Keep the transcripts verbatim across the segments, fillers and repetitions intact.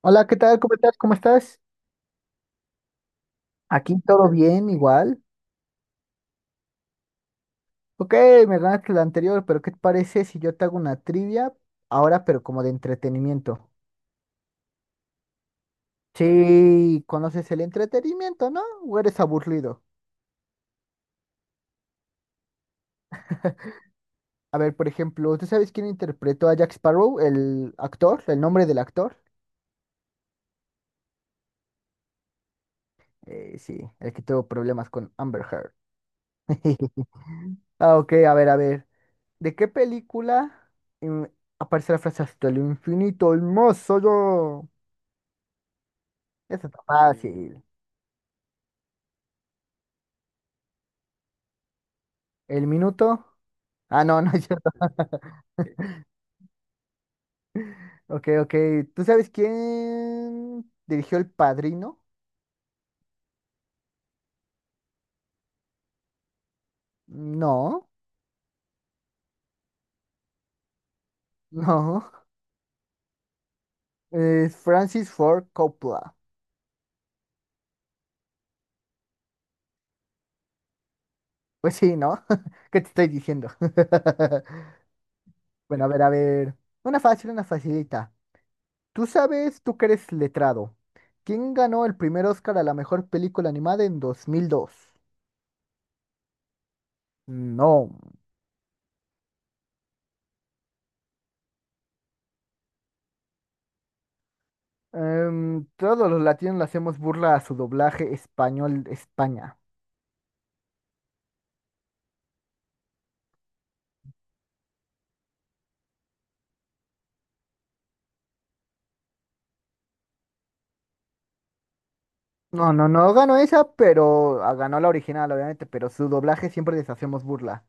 Hola, ¿qué tal? ¿Cómo estás? ¿Cómo estás? Aquí todo bien, igual. Ok, me ganaste la anterior, pero ¿qué te parece si yo te hago una trivia ahora, pero como de entretenimiento? Sí, conoces el entretenimiento, ¿no? ¿O eres aburrido? A ver, por ejemplo, ¿tú sabes quién interpretó a Jack Sparrow, el actor, el nombre del actor? Eh, sí, el que tuvo problemas con Amber Heard. Ah, ok, a ver, a ver. ¿De qué película mm, aparece la frase hasta el infinito, el más allá? Eso está fácil. ¿El minuto? Ah, no, no es cierto. Ok, ok. ¿Tú sabes quién dirigió El Padrino? No, no. Es Francis Ford Coppola. Pues sí, ¿no? ¿Qué te estoy diciendo? Bueno, a ver, a ver. Una fácil, una facilita. Tú sabes, tú que eres letrado. ¿Quién ganó el primer Oscar a la mejor película animada en dos mil dos? No. Em, todos los latinos le hacemos burla a su doblaje español de España. No, no, no ganó esa, pero ah, ganó la original, obviamente, pero su doblaje siempre les hacemos burla.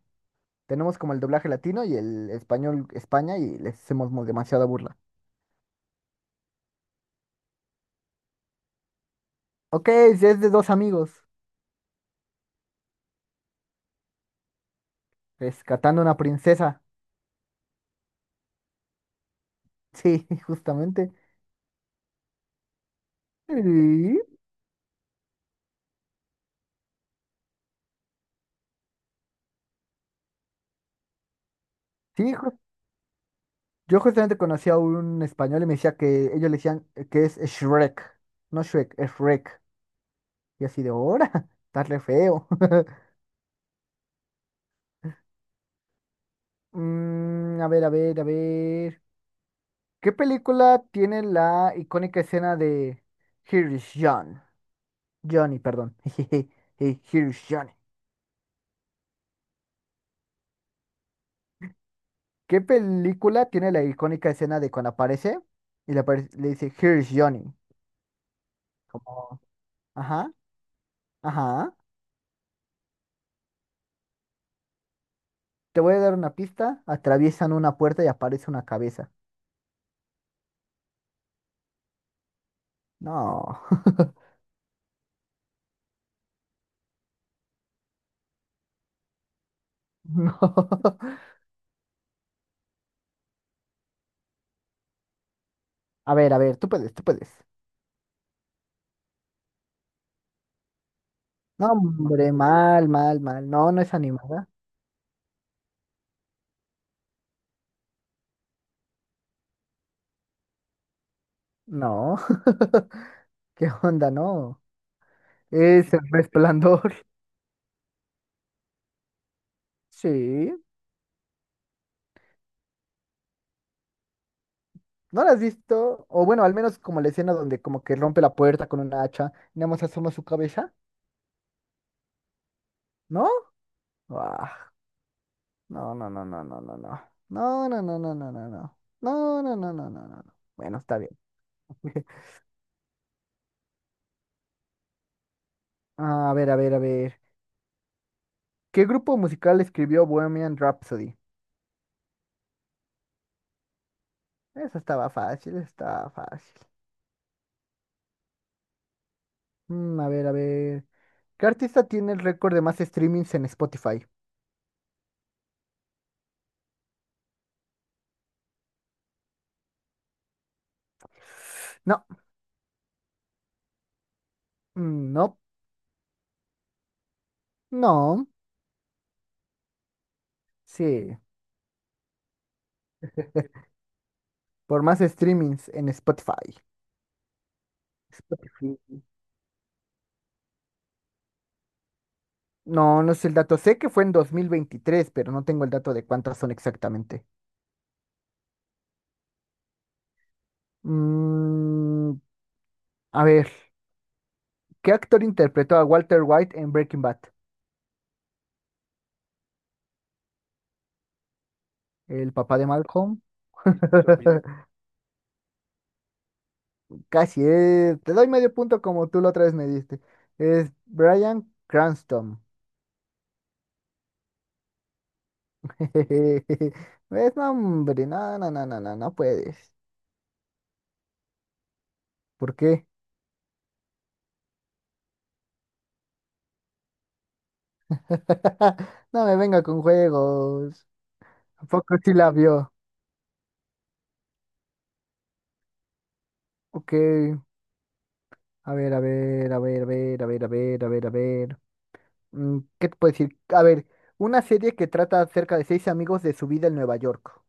Tenemos como el doblaje latino y el español España y les hacemos mo- demasiada burla. Ok, es de dos amigos rescatando una princesa. Sí, justamente. Sí, sí, ju- yo justamente conocí a un español y me decía que ellos le decían eh, que es Shrek, no Shrek, es Shrek. Y así de, ahora, está re feo. Mm, a ver, a ver, a ver. ¿Qué película tiene la icónica escena de Here is John? Johnny, perdón. Jejeje, eh, Here is Johnny. ¿Qué película tiene la icónica escena de cuando aparece y le, apare- le dice Here is Johnny? Como, ajá, ajá. Te voy a dar una pista. Atraviesan una puerta y aparece una cabeza. No, no. A ver, a ver, tú puedes, tú puedes. No, hombre, mal, mal, mal. No, no es animada. No. ¿Qué onda? No. Es el resplandor. Sí, ¿no la has visto? O bueno, al menos como la escena donde como que rompe la puerta con una hacha y nada más asoma su cabeza, ¿no? Ah, no, no, no, no, no, no, no. No, no, no, no, no, no, no. No, no, no, no, no, no. No. Bueno, está bien. A ver, a ver, a ver. ¿Qué grupo musical escribió Bohemian Rhapsody? Eso estaba fácil, estaba fácil. Mm, a ver, a ver. ¿Qué artista tiene el récord de más streamings en Spotify? No, mm, no, no, sí. Por más streamings en Spotify. Spotify. No, no sé el dato. Sé que fue en dos mil veintitrés, pero no tengo el dato de cuántas son exactamente. Mm, a ver, ¿qué actor interpretó a Walter White en Breaking Bad? ¿El papá de Malcolm? Lo mismo. Casi, eh, te doy medio punto como tú la otra vez me diste. Es Bryan Cranston. ¿Ves? No, hombre, no, no, no, no, no, no puedes. ¿Por qué? No me venga con juegos. ¿A poco sí la vio? Ok, a ver, a ver, a ver, a ver, a ver, a ver, a ver, a ver. Mm, ¿qué te puedo decir? A ver, una serie que trata acerca de seis amigos de su vida en Nueva York.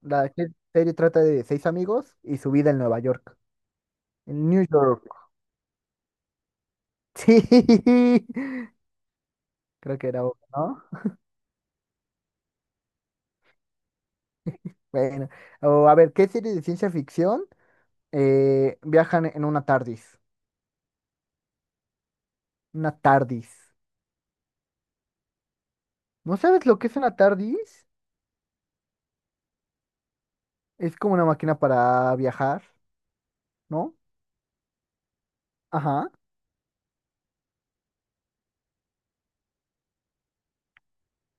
La se- serie trata de seis amigos y su vida en Nueva York. En New York. Sí, creo que era obvio, ¿no? Bueno, o a ver, ¿qué serie de ciencia ficción eh, viajan en una TARDIS? Una TARDIS. ¿No sabes lo que es una TARDIS? Es como una máquina para viajar, ¿no? Ajá.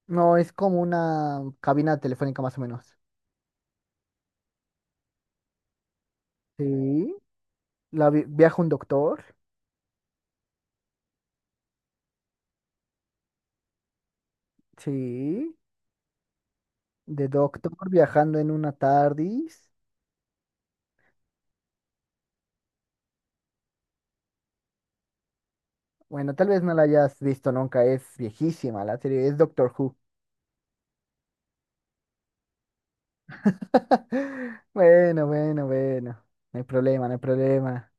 No, es como una cabina telefónica más o menos. Sí. La vi- viaja un doctor. Sí. De doctor viajando en una TARDIS. Bueno, tal vez no la hayas visto nunca, es viejísima la serie, es Doctor Who. Bueno, bueno, bueno. No hay problema, no hay problema.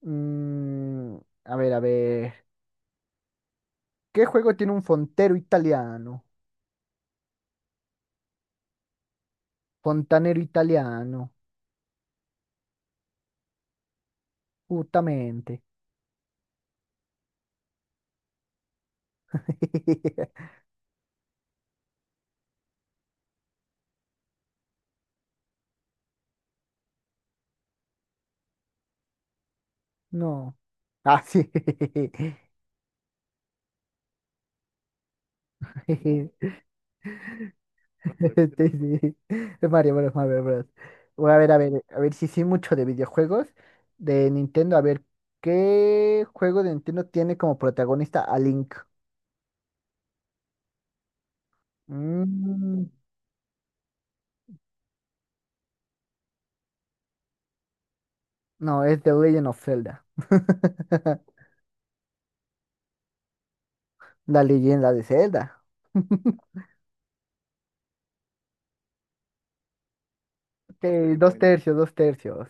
Mm, a ver, a ver. ¿Qué juego tiene un fontero italiano? Fontanero italiano, justamente. No. Ah, sí. Jeje. Sí, sí. Mario Bros, Mario Bros. Voy a ver, a ver, a ver si sí mucho de videojuegos de Nintendo. A ver, ¿qué juego de Nintendo tiene como protagonista a Link? Mm, no, es The Legend of Zelda. La leyenda de Zelda. Ok, dos, bueno, tercios, dos tercios.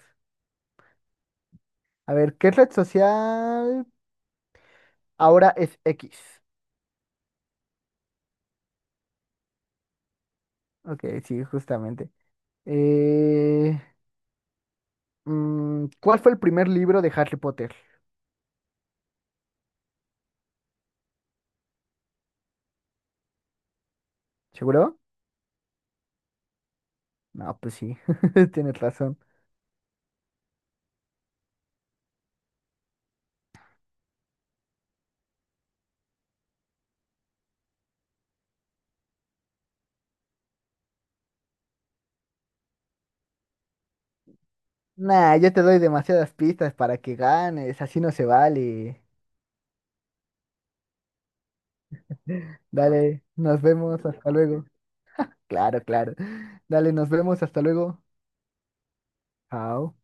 A ver, ¿qué red social ahora es X? Ok, sí, justamente. Eh, Mm, ¿cuál fue el primer libro de Harry Potter? ¿Seguro? No, pues sí, tienes razón. Nah, yo te doy demasiadas pistas para que ganes, así no se vale. Dale, nos vemos, hasta luego. Claro, claro. Dale, nos vemos, hasta luego. Chao.